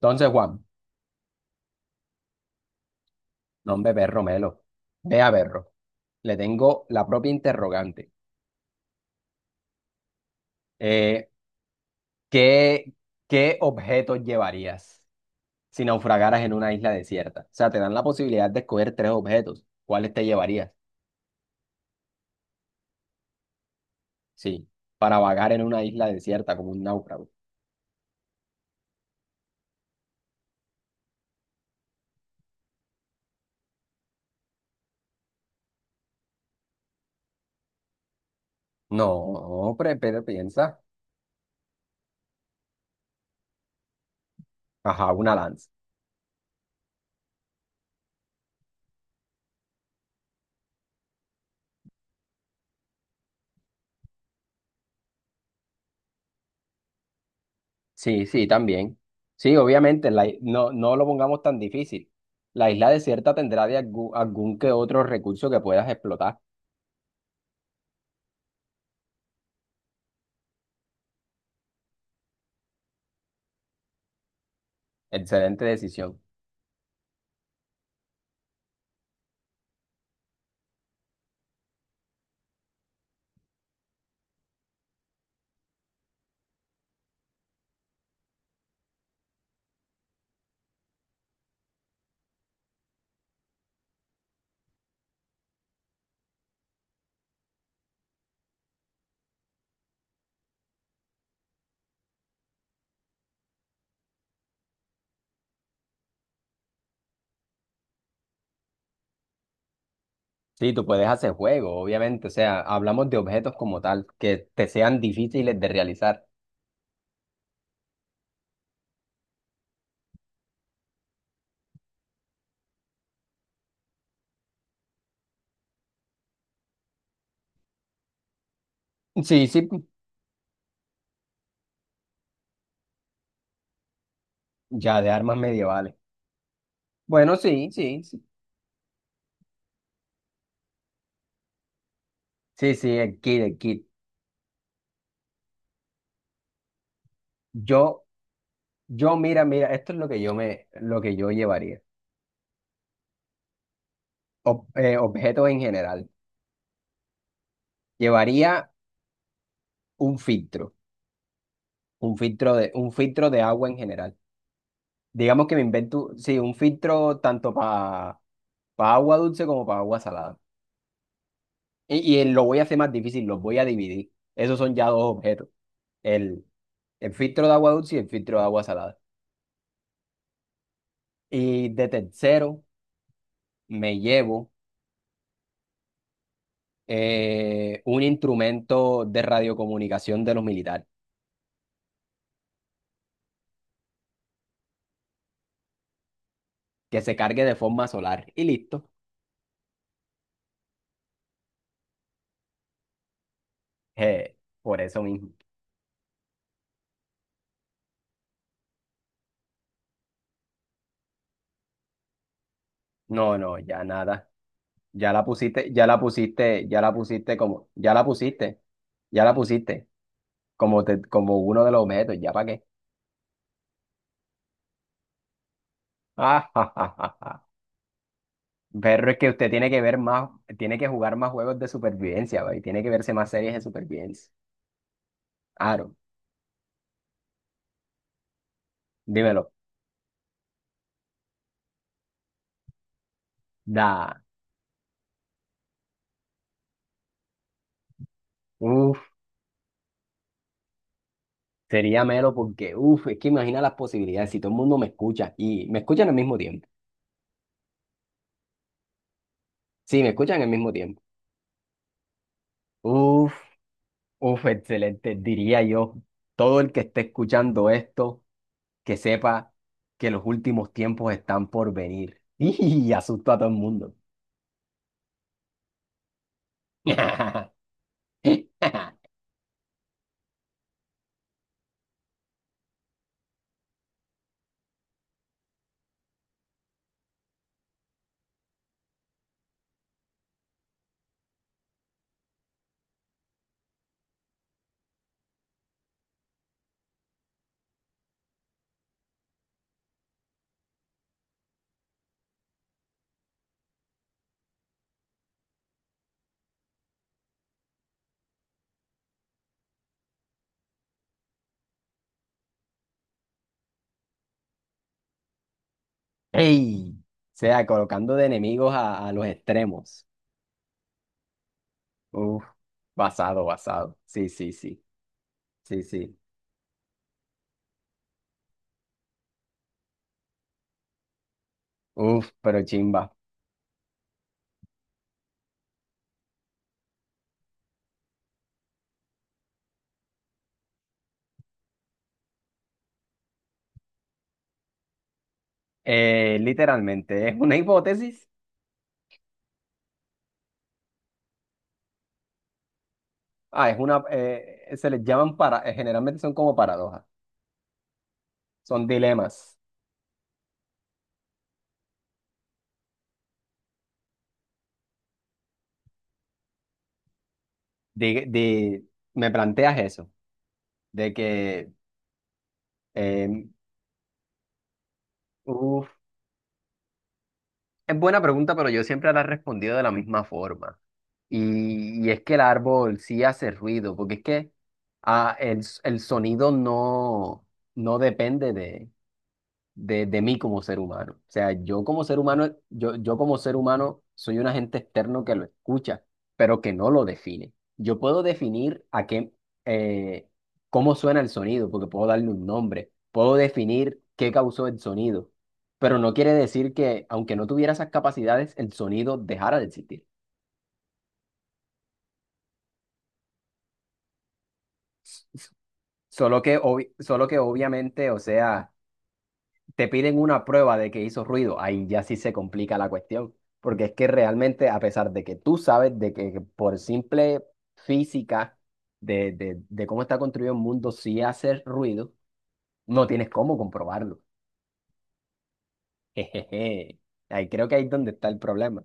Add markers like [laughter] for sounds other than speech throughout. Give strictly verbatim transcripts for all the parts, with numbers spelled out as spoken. Entonces, Juan, nombre perro Melo, vea perro, le tengo la propia interrogante. Eh, ¿qué, qué objetos llevarías si naufragaras en una isla desierta? O sea, te dan la posibilidad de escoger tres objetos. ¿Cuáles te llevarías? Sí, para vagar en una isla desierta como un náufrago. No, pero, pero piensa. Ajá, una lanza. Sí, sí, también. Sí, obviamente, la i- no, no lo pongamos tan difícil. La isla desierta tendrá de algún, algún que otro recurso que puedas explotar. Excelente decisión. Sí, tú puedes hacer juegos, obviamente. O sea, hablamos de objetos como tal, que te sean difíciles de realizar. Sí, sí, ya de armas medievales. Bueno, sí, sí, sí. Sí, sí, el kit, el kit. Yo, yo, mira, mira, esto es lo que yo me, lo que yo llevaría. Ob- eh, objetos en general. Llevaría un filtro, un filtro de, un filtro de agua en general. Digamos que me invento, sí, un filtro tanto para agua dulce como para agua salada. Y, y lo voy a hacer más difícil, los voy a dividir. Esos son ya dos objetos, el, el filtro de agua dulce y el filtro de agua salada. Y de tercero, me llevo eh, un instrumento de radiocomunicación de los militares, que se cargue de forma solar. Y listo. Eh, por eso mismo. No, no, ya nada. Ya la pusiste, ya la pusiste, ya la pusiste como, ya la pusiste, ya la pusiste como, te- como uno de los objetos, ¿ya para qué? [laughs] Ah, ja, ja, ja, ja. Pero es que usted tiene que ver más, tiene que jugar más juegos de supervivencia, güey. Tiene que verse más series de supervivencia. Aro, dímelo. Da. Uf, sería melo porque, uf, es que imagina las posibilidades si todo el mundo me escucha y me escuchan al mismo tiempo. Sí, me escuchan al mismo tiempo. Uf, uf, excelente. Diría yo, todo el que esté escuchando esto, que sepa que los últimos tiempos están por venir. [laughs] Y asusto a todo el mundo. [laughs] Ey, o sea, colocando de enemigos a, a los extremos. Uf, basado, basado. Sí, sí, sí, sí, sí. Uf, pero chimba. Eh, literalmente, es una hipótesis. Ah, es una, eh, se les llaman para, eh, generalmente son como paradojas, son dilemas. De, de, Me planteas eso, de que, eh, uf, es buena pregunta, pero yo siempre la he respondido de la misma forma. Y, y es que el árbol sí hace ruido, porque es que ah, el, s- el sonido no, no depende de, de, de mí como ser humano. O sea, yo como ser humano, yo, yo como ser humano soy un agente externo que lo escucha, pero que no lo define. Yo puedo definir a qué, eh, cómo suena el sonido, porque puedo darle un nombre, puedo definir qué causó el sonido, pero no quiere decir que, aunque no tuviera esas capacidades, el sonido dejara de existir. Solo que, obvi- solo que obviamente, o sea... te piden una prueba de que hizo ruido, ahí ya sí se complica la cuestión, porque es que realmente a pesar de que tú sabes de que por simple física de, de, de cómo está construido el mundo sí hace ruido, no tienes cómo comprobarlo. [laughs] Jejeje. Ahí creo que ahí es donde está el problema.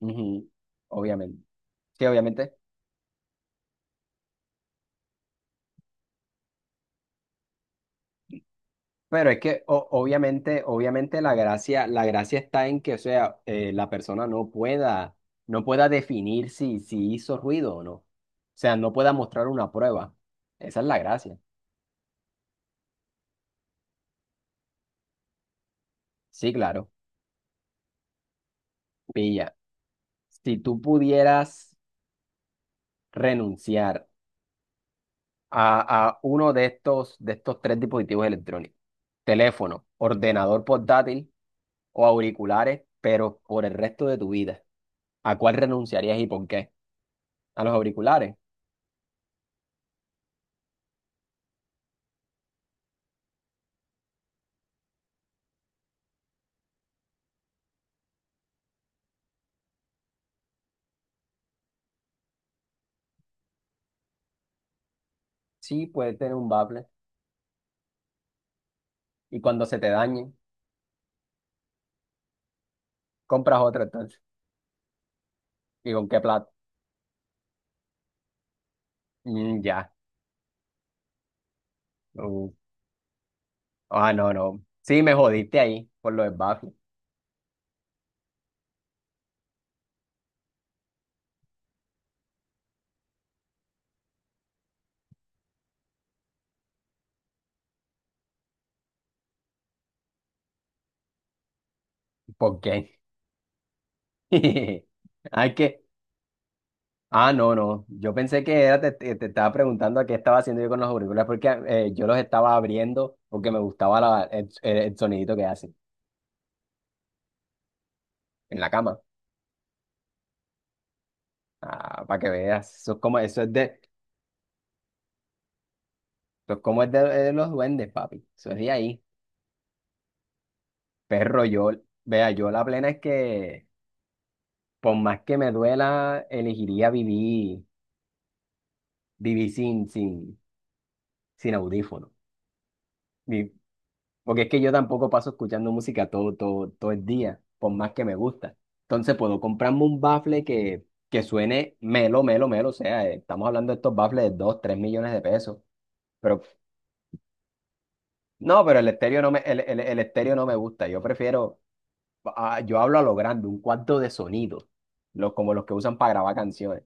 Ujú. Obviamente. Sí, obviamente. Pero es que o- obviamente, obviamente la gracia, la gracia está en que, o sea, eh, la persona no pueda, no pueda definir si, si hizo ruido o no. O sea, no pueda mostrar una prueba. Esa es la gracia. Sí, claro. Pilla. Si tú pudieras renunciar a, a uno de estos, de estos tres dispositivos electrónicos, teléfono, ordenador portátil o auriculares, pero por el resto de tu vida, ¿a cuál renunciarías y por qué? ¿A los auriculares? Sí, puede tener un bafle. Y cuando se te dañe compras otro entonces. ¿Y con qué plata? Mm, ya. Uh, Ah, no, no. Sí, me jodiste ahí por lo del bafle. ¿Por qué? [laughs] Ay, que. Ah, no, no. Yo pensé que era, te, te- te estaba preguntando a qué estaba haciendo yo con los auriculares porque eh, yo los estaba abriendo porque me gustaba la- el, el- el sonidito que hacen en la cama. Ah, para que veas. Eso es como, eso es de, eso es como es de, de los duendes, papi. Eso es de ahí. Perro, yo. Vea, yo la plena es que por más que me duela, elegiría vivir, vivir sin, sin, sin audífono. Vi- Porque es que yo tampoco paso escuchando música todo, todo, todo el día, por más que me gusta. Entonces puedo comprarme un bafle que, que suene melo, melo, melo. O sea, eh, estamos hablando de estos baffles de dos, tres millones de pesos. Pero no, pero el estéreo no me, el, el, el estéreo no me gusta. Yo prefiero, ah, yo hablo a lo grande, un cuarto de sonido, los, como los que usan para grabar canciones.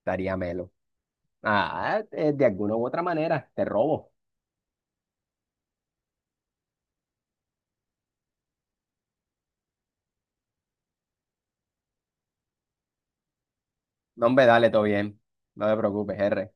Estaría melo. Ah, eh, de alguna u otra manera, te robo. No, hombre, dale, todo bien. No te preocupes, R.